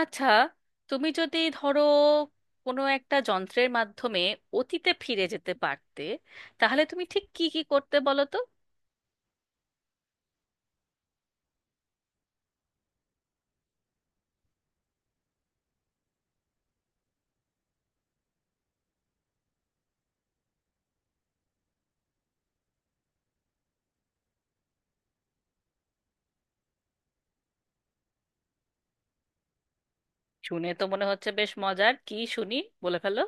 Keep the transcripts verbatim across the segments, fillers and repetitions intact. আচ্ছা, তুমি যদি ধরো কোনো একটা যন্ত্রের মাধ্যমে অতীতে ফিরে যেতে পারতে তাহলে তুমি ঠিক কি কি করতে বলো তো। শুনে তো মনে হচ্ছে বেশ মজার, কি শুনি, বলে ফেলো।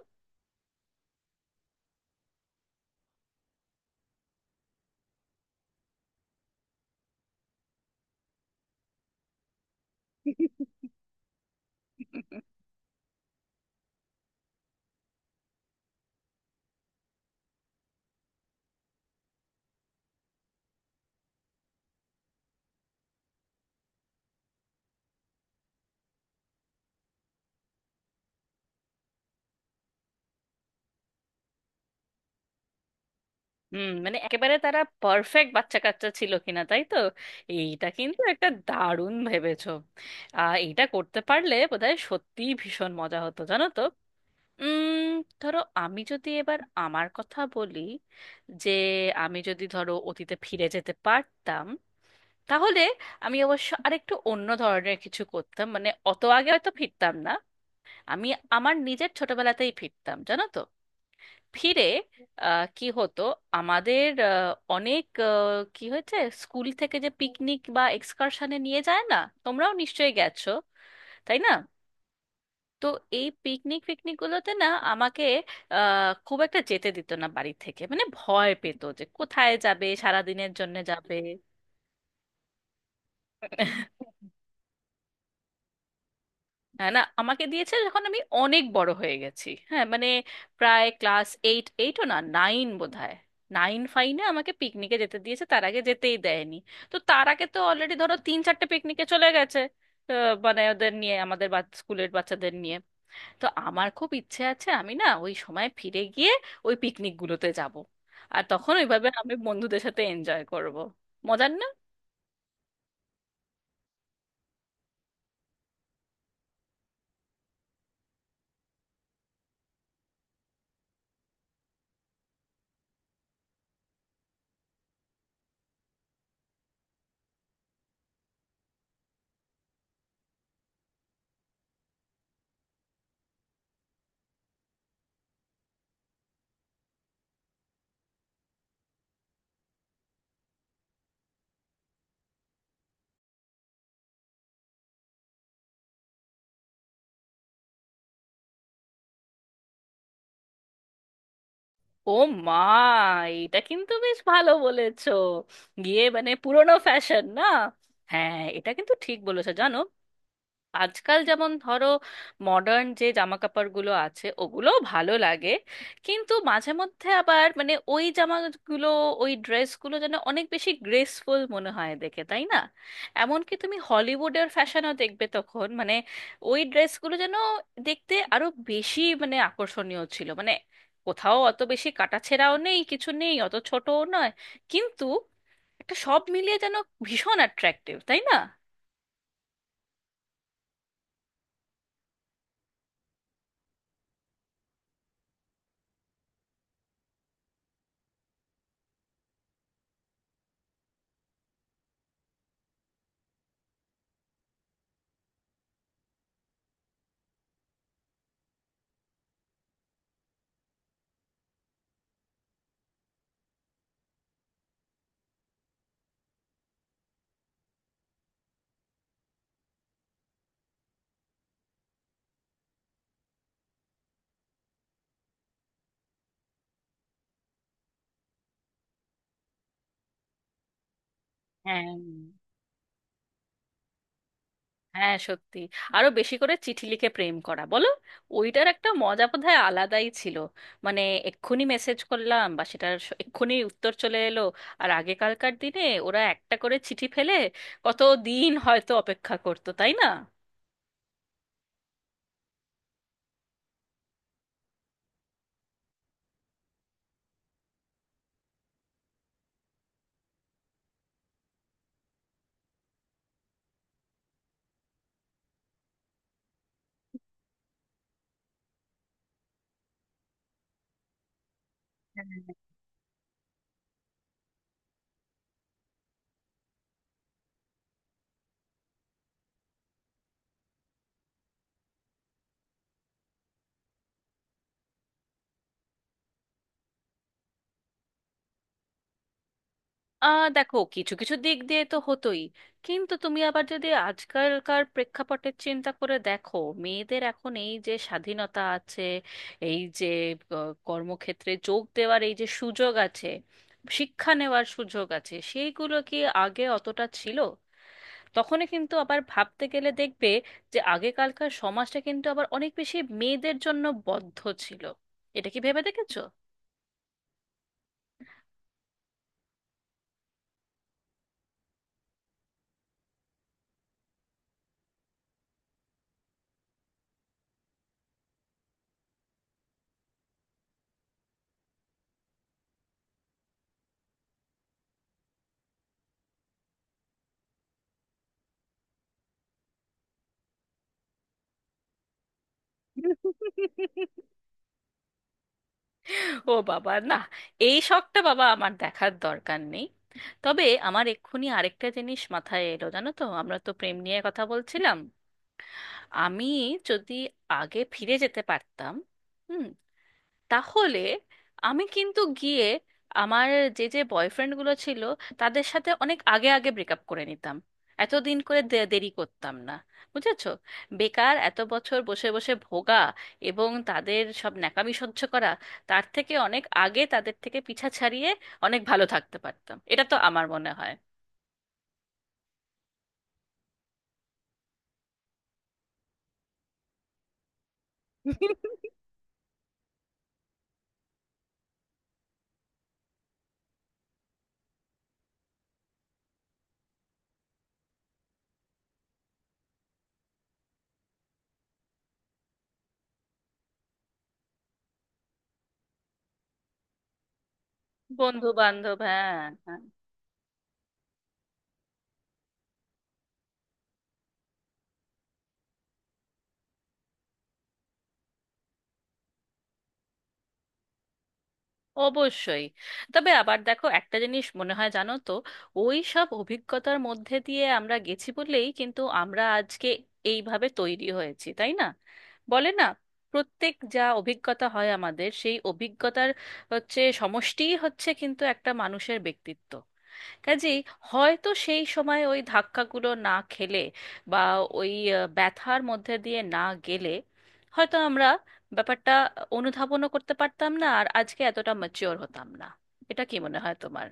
হুম, মানে একেবারে তারা পারফেক্ট বাচ্চা কাচ্চা ছিল কিনা তাই তো। এইটা কিন্তু একটা দারুণ ভেবেছো। আহ, এইটা করতে পারলে বোধহয় সত্যিই ভীষণ মজা হতো জানো তো। উম ধরো আমি যদি এবার আমার কথা বলি, যে আমি যদি ধরো অতীতে ফিরে যেতে পারতাম, তাহলে আমি অবশ্য আরেকটু অন্য ধরনের কিছু করতাম, মানে অত আগে হয়তো ফিরতাম না। আমি আমার নিজের ছোটবেলাতেই ফিরতাম জানো তো। ফিরে আহ, কি হতো আমাদের, আহ, অনেক আহ, কি হয়েছে, স্কুল থেকে যে পিকনিক বা এক্সকারশনে নিয়ে যায় না, তোমরাও নিশ্চয়ই গেছো তাই না। তো এই পিকনিক ফিকনিক গুলোতে না আমাকে আহ, খুব একটা যেতে দিত না বাড়ি থেকে, মানে ভয় পেত যে কোথায় যাবে, সারাদিনের জন্য যাবে। হ্যাঁ, না আমাকে দিয়েছে যখন আমি অনেক বড় হয়ে গেছি, হ্যাঁ মানে প্রায় ক্লাস এইট, এইটও না, নাইন বোধহয়। নাইন ফাইনে আমাকে পিকনিকে যেতে দিয়েছে, তার আগে যেতেই দেয়নি। তো তার আগে তো অলরেডি ধরো তিন চারটে পিকনিকে চলে গেছে। আহ, মানে ওদের নিয়ে আমাদের স্কুলের বাচ্চাদের নিয়ে। তো আমার খুব ইচ্ছে আছে আমি না ওই সময় ফিরে গিয়ে ওই পিকনিকগুলোতে যাব, আর তখন ওইভাবে আমি বন্ধুদের সাথে এনজয় করব। মজার না? ও মা, এটা কিন্তু বেশ ভালো বলেছো, গিয়ে মানে পুরোনো ফ্যাশন না। হ্যাঁ এটা কিন্তু ঠিক বলেছো জানো, আজকাল যেমন ধরো মডার্ন যে জামা কাপড়গুলো আছে ওগুলোও ভালো লাগে, কিন্তু মাঝে মধ্যে আবার মানে ওই জামাগুলো, ওই ড্রেসগুলো যেন অনেক বেশি গ্রেসফুল মনে হয় দেখে তাই না। এমনকি তুমি হলিউডের ফ্যাশনও দেখবে, তখন মানে ওই ড্রেসগুলো যেন দেখতে আরো বেশি মানে আকর্ষণীয় ছিল, মানে কোথাও অত বেশি কাটাছেঁড়াও নেই, কিছু নেই, অত ছোটও নয়, কিন্তু একটা সব মিলিয়ে যেন ভীষণ অ্যাট্রাক্টিভ তাই না। হ্যাঁ হ্যাঁ সত্যি, আরো বেশি করে চিঠি লিখে প্রেম করা বলো, ওইটার একটা মজা বোধহয় আলাদাই ছিল। মানে এক্ষুনি মেসেজ করলাম বা সেটার স- এক্ষুনি উত্তর চলে এলো, আর আগেকালকার দিনে ওরা একটা করে চিঠি ফেলে কত দিন হয়তো অপেক্ষা করতো তাই না। আহ দেখো, কিছু কিছু দিক দিয়ে তো হতোই, কিন্তু তুমি আবার যদি আজকালকার প্রেক্ষাপটের চিন্তা করে দেখো, মেয়েদের এখন এই যে স্বাধীনতা আছে, এই যে আহ, কর্মক্ষেত্রে যোগ দেওয়ার এই যে সুযোগ আছে, শিক্ষা নেওয়ার সুযোগ আছে, সেইগুলো কি আগে অতটা ছিল? তখনই কিন্তু আবার ভাবতে গেলে দেখবে যে আগেকালকার সমাজটা কিন্তু আবার অনেক বেশি মেয়েদের জন্য বদ্ধ ছিল। এটা কি ভেবে দেখেছো? ও বাবা না, এই শখটা বাবা আমার দেখার দরকার নেই। তবে আমার এক্ষুনি আরেকটা জিনিস মাথায় এলো জানো তো, আমরা তো প্রেম নিয়ে কথা বলছিলাম, আমি যদি আগে ফিরে যেতে পারতাম, হুম, তাহলে আমি কিন্তু গিয়ে আমার যে যে বয়ফ্রেন্ডগুলো ছিল তাদের সাথে অনেক আগে আগে ব্রেকআপ করে নিতাম, এতদিন করে দে- দেরি করতাম না বুঝেছো। বেকার এত বছর বসে বসে ভোগা এবং তাদের সব ন্যাকামি সহ্য করা, তার থেকে অনেক আগে তাদের থেকে পিছা ছাড়িয়ে অনেক ভালো থাকতে পারতাম, এটা তো আমার মনে হয়। বন্ধু বান্ধব, হ্যাঁ হ্যাঁ, অবশ্যই। তবে আবার দেখো একটা জিনিস মনে হয় জানো তো, ওই সব অভিজ্ঞতার মধ্যে দিয়ে আমরা গেছি বলেই কিন্তু আমরা আজকে এইভাবে তৈরি হয়েছি তাই না। বলে না, প্রত্যেক যা অভিজ্ঞতা হয় আমাদের, সেই অভিজ্ঞতার হচ্ছে সমষ্টিই হচ্ছে কিন্তু একটা মানুষের ব্যক্তিত্ব। কাজেই হয়তো সেই সময় ওই ধাক্কাগুলো না খেলে, বা ওই আহ, ব্যথার মধ্যে দিয়ে না গেলে, হয়তো আমরা ব্যাপারটা অনুধাবনও করতে পারতাম না, আর আজকে এতটা ম্যাচিওর হতাম না। এটা কি মনে হয় তোমার?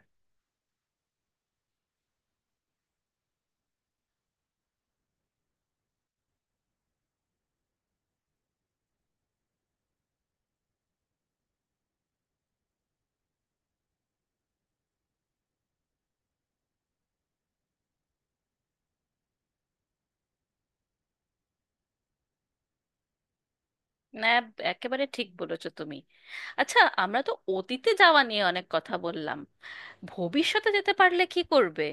না, একেবারে ঠিক বলেছো তুমি। আচ্ছা, আমরা তো অতীতে যাওয়া নিয়ে অনেক কথা বললাম, ভবিষ্যতে যেতে পারলে কি করবে?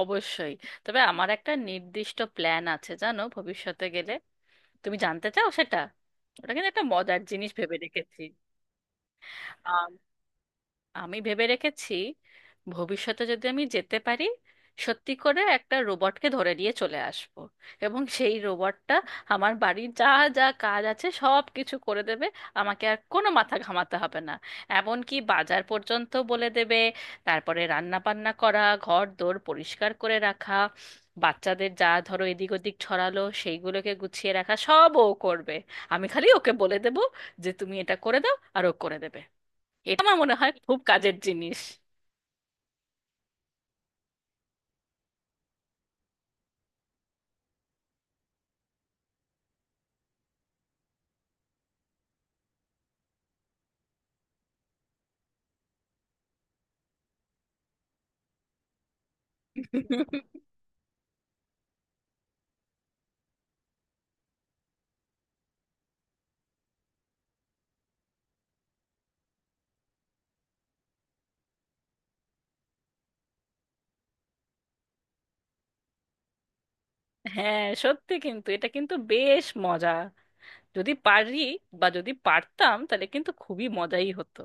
অবশ্যই, তবে আমার একটা নির্দিষ্ট প্ল্যান আছে জানো ভবিষ্যতে গেলে, তুমি জানতে চাও সেটা? ওটা কিন্তু একটা মজার জিনিস ভেবে রেখেছি। আমি ভেবে রেখেছি, ভবিষ্যতে যদি আমি যেতে পারি, সত্যি করে একটা রোবটকে ধরে নিয়ে চলে আসব, এবং সেই রোবটটা আমার বাড়ির যা যা কাজ আছে সব কিছু করে দেবে, আমাকে আর কোনো মাথা ঘামাতে হবে না। এমনকি বাজার পর্যন্ত বলে দেবে, তারপরে রান্না বান্না করা, ঘর দোর পরিষ্কার করে রাখা, বাচ্চাদের যা ধরো এদিক ওদিক ছড়ালো সেইগুলোকে গুছিয়ে রাখা, সব ও করবে। আমি খালি ওকে বলে দেবো যে তুমি এটা করে দাও, আর ও করে দেবে। এটা আমার মনে হয় খুব কাজের জিনিস। হ্যাঁ সত্যি, কিন্তু এটা কিন্তু বেশ মজা, যদি পারি বা যদি পারতাম তাহলে কিন্তু খুবই মজাই হতো